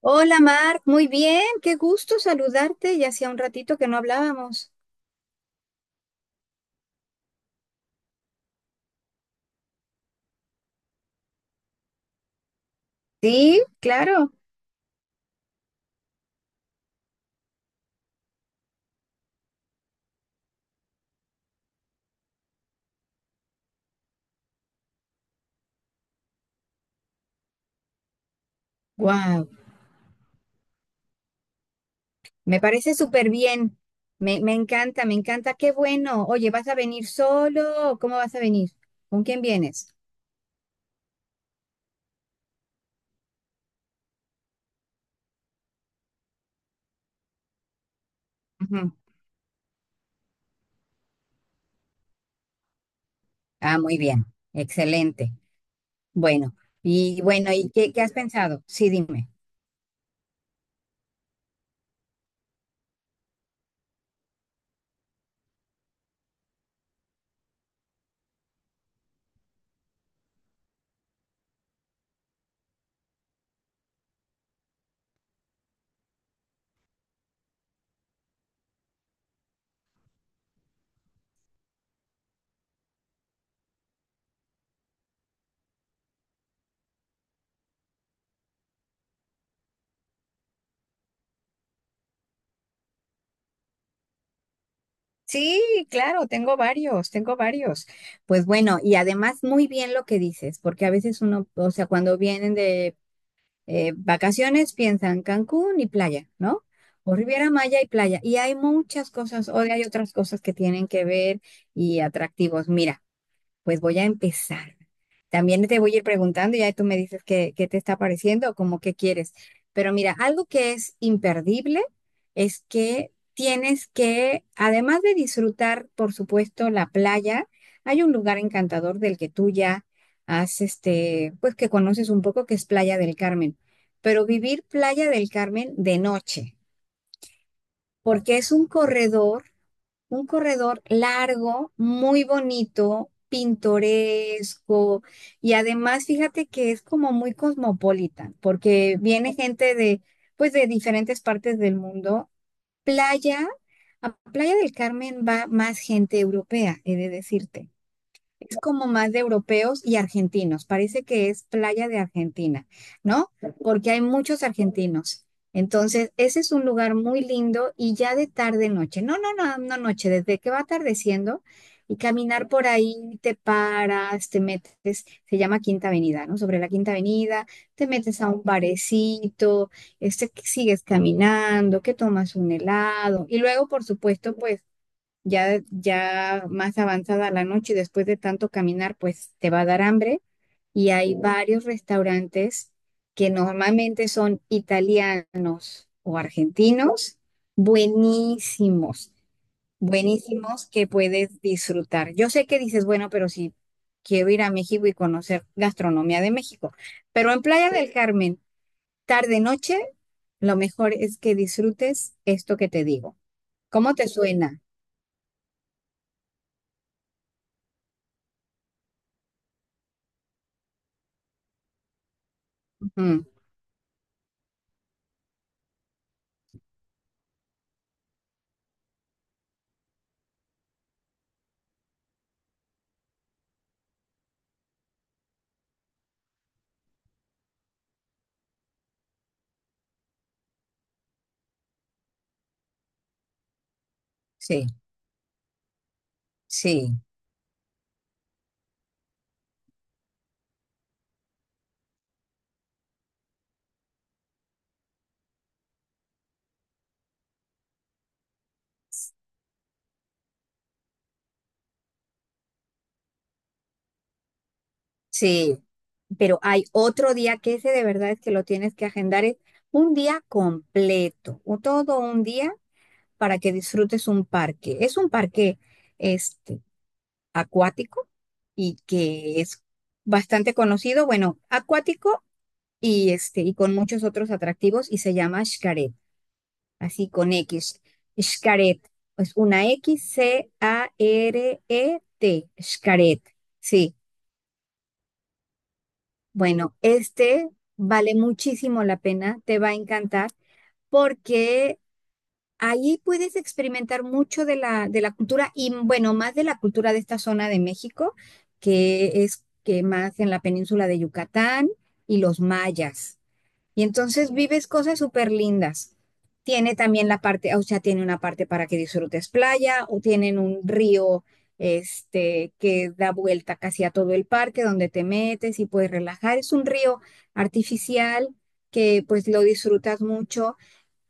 Hola Marc, muy bien, qué gusto saludarte, ya hacía un ratito que no hablábamos. Sí, claro. Wow, me parece súper bien. Me encanta, me encanta, qué bueno. Oye, ¿vas a venir solo o cómo vas a venir? ¿Con quién vienes? Ujú. Ah, muy bien, excelente. Bueno, y bueno, ¿y qué, qué has pensado? Sí, dime. Sí, claro, tengo varios, tengo varios. Pues bueno, y además muy bien lo que dices, porque a veces uno, o sea, cuando vienen de vacaciones piensan Cancún y playa, ¿no? O Riviera Maya y playa. Y hay muchas cosas, hoy hay otras cosas que tienen que ver y atractivos. Mira. Pues voy a empezar. También te voy a ir preguntando, ya tú me dices qué, qué te está pareciendo o como qué quieres. Pero mira, algo que es imperdible es que tienes que, además de disfrutar, por supuesto, la playa, hay un lugar encantador del que tú ya has, pues que conoces un poco, que es Playa del Carmen. Pero vivir Playa del Carmen de noche, porque es un corredor. Un corredor largo, muy bonito, pintoresco y además fíjate que es como muy cosmopolita porque viene gente de pues de diferentes partes del mundo. Playa, a Playa del Carmen va más gente europea, he de decirte es como más de europeos y argentinos. Parece que es playa de Argentina, ¿no? Porque hay muchos argentinos. Entonces, ese es un lugar muy lindo y ya de tarde noche, no, no, no, no noche, desde que va atardeciendo y caminar por ahí, te paras, te metes, se llama Quinta Avenida, ¿no? Sobre la Quinta Avenida, te metes a un barecito, que sigues caminando, que tomas un helado y luego, por supuesto, pues ya, ya más avanzada la noche, después de tanto caminar, pues te va a dar hambre y hay varios restaurantes que normalmente son italianos o argentinos, buenísimos, buenísimos que puedes disfrutar. Yo sé que dices, bueno, pero si quiero ir a México y conocer gastronomía de México, pero en Playa del Carmen, tarde noche, lo mejor es que disfrutes esto que te digo. ¿Cómo te suena? Ujú, sí, sí. Sí, pero hay otro día que ese de verdad es que lo tienes que agendar, es un día completo, o todo un día para que disfrutes un parque. Es un parque este, acuático y que es bastante conocido, bueno, acuático y, y con muchos otros atractivos y se llama Xcaret, así con X. Xcaret, es una X-C-A-R-E-T, Xcaret, sí. Bueno, este vale muchísimo la pena, te va a encantar porque ahí puedes experimentar mucho de la cultura y bueno, más de la cultura de esta zona de México, que es que más en la península de Yucatán y los mayas. Y entonces vives cosas súper lindas. Tiene también la parte, o sea, tiene una parte para que disfrutes playa, o tienen un río que da vuelta casi a todo el parque donde te metes y puedes relajar. Es un río artificial que pues lo disfrutas mucho,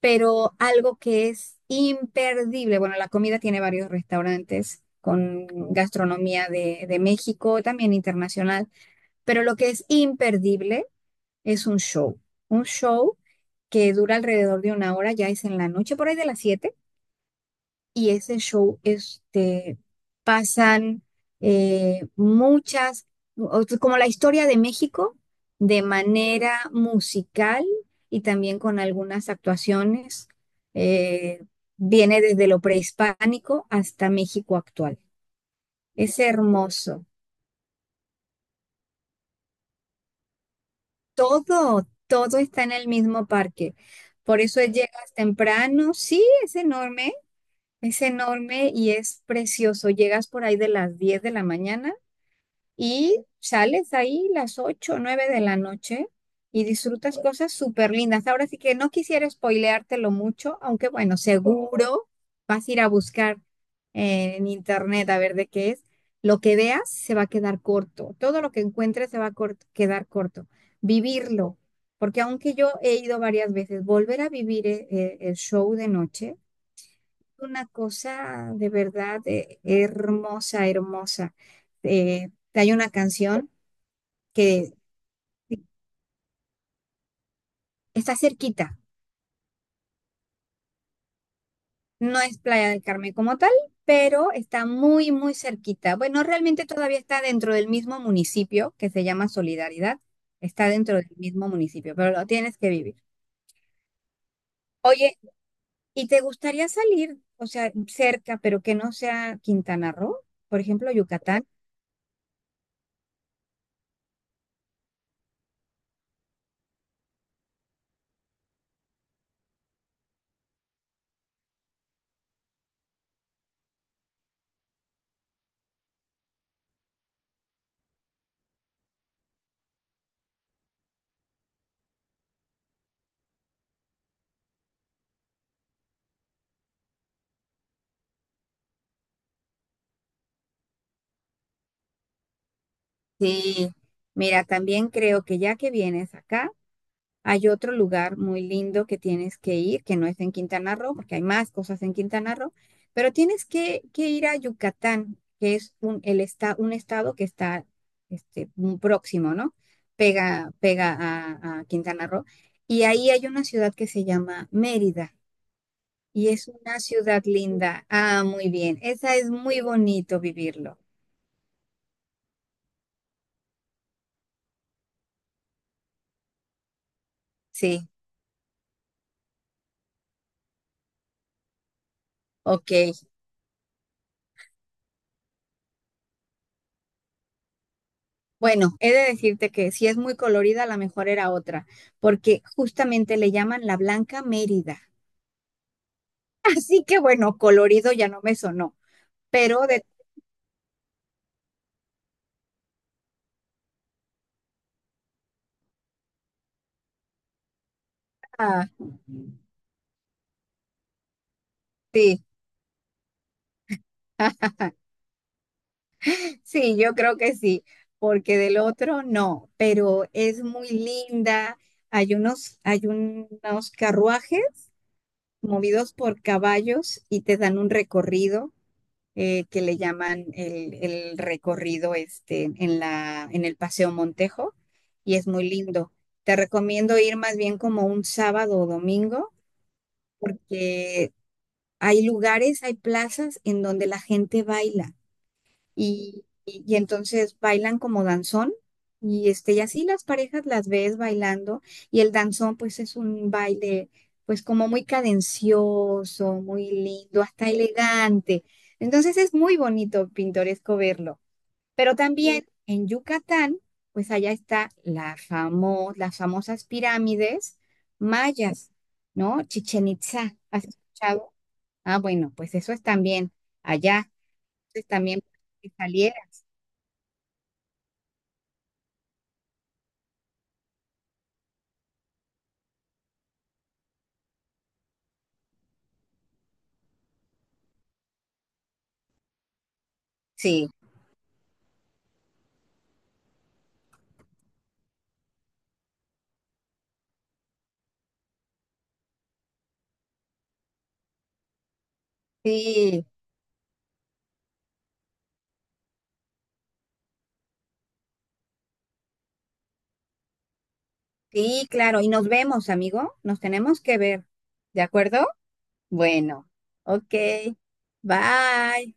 pero algo que es imperdible. Bueno, la comida tiene varios restaurantes con gastronomía de México, también internacional, pero lo que es imperdible es un show que dura alrededor de una hora, ya es en la noche, por ahí de las siete, y ese show, pasan muchas, como la historia de México, de manera musical y también con algunas actuaciones, eh, viene desde lo prehispánico hasta México actual. Es hermoso. Todo, todo está en el mismo parque. Por eso llegas temprano. Sí, es enorme y es precioso. Llegas por ahí de las 10 de la mañana y sales ahí las 8 o 9 de la noche y disfrutas cosas súper lindas. Ahora sí que no quisiera spoileártelo mucho, aunque bueno, seguro vas a ir a buscar en internet a ver de qué es. Lo que veas se va a quedar corto, todo lo que encuentres se va a quedar corto. Vivirlo, porque aunque yo he ido varias veces, volver a vivir el show de noche una cosa de verdad hermosa, hermosa. Hay una canción que sí, está cerquita, no es Playa del Carmen como tal, pero está muy, muy cerquita. Bueno, realmente todavía está dentro del mismo municipio que se llama Solidaridad, está dentro del mismo municipio, pero lo tienes que vivir. Oye, ¿y te gustaría salir, o sea, cerca, pero que no sea Quintana Roo, por ejemplo, Yucatán? Sí, mira, también creo que ya que vienes acá, hay otro lugar muy lindo que tienes que ir, que no es en Quintana Roo, porque hay más cosas en Quintana Roo, pero tienes que ir a Yucatán, que es un, el un estado que está muy próximo, ¿no? Pega, pega a Quintana Roo. Y ahí hay una ciudad que se llama Mérida, y es una ciudad linda. Ah, muy bien. Esa es muy bonito vivirlo. Sí, ok. Bueno, he de decirte que si es muy colorida, la mejor era otra, porque justamente le llaman la Blanca Mérida. Así que bueno, colorido ya no me sonó, pero de... ah, sí, sí, yo creo que sí, porque del otro no, pero es muy linda. Hay unos carruajes movidos por caballos y te dan un recorrido. Que le llaman el recorrido en la, en el Paseo Montejo y es muy lindo. Te recomiendo ir más bien como un sábado o domingo, que hay lugares, hay plazas en donde la gente baila y, y entonces bailan como danzón y y así las parejas las ves bailando y el danzón pues es un baile pues como muy cadencioso, muy lindo, hasta elegante. Entonces es muy bonito, pintoresco verlo. Pero también en Yucatán, pues allá está la las famosas pirámides mayas, ¿no? Chichen Itza ¿has escuchado? Ah, bueno, pues eso es también allá, es también que saliera. Sí, sí, sí, claro. Y nos vemos, amigo. Nos tenemos que ver. ¿De acuerdo? Bueno, ok. Bye.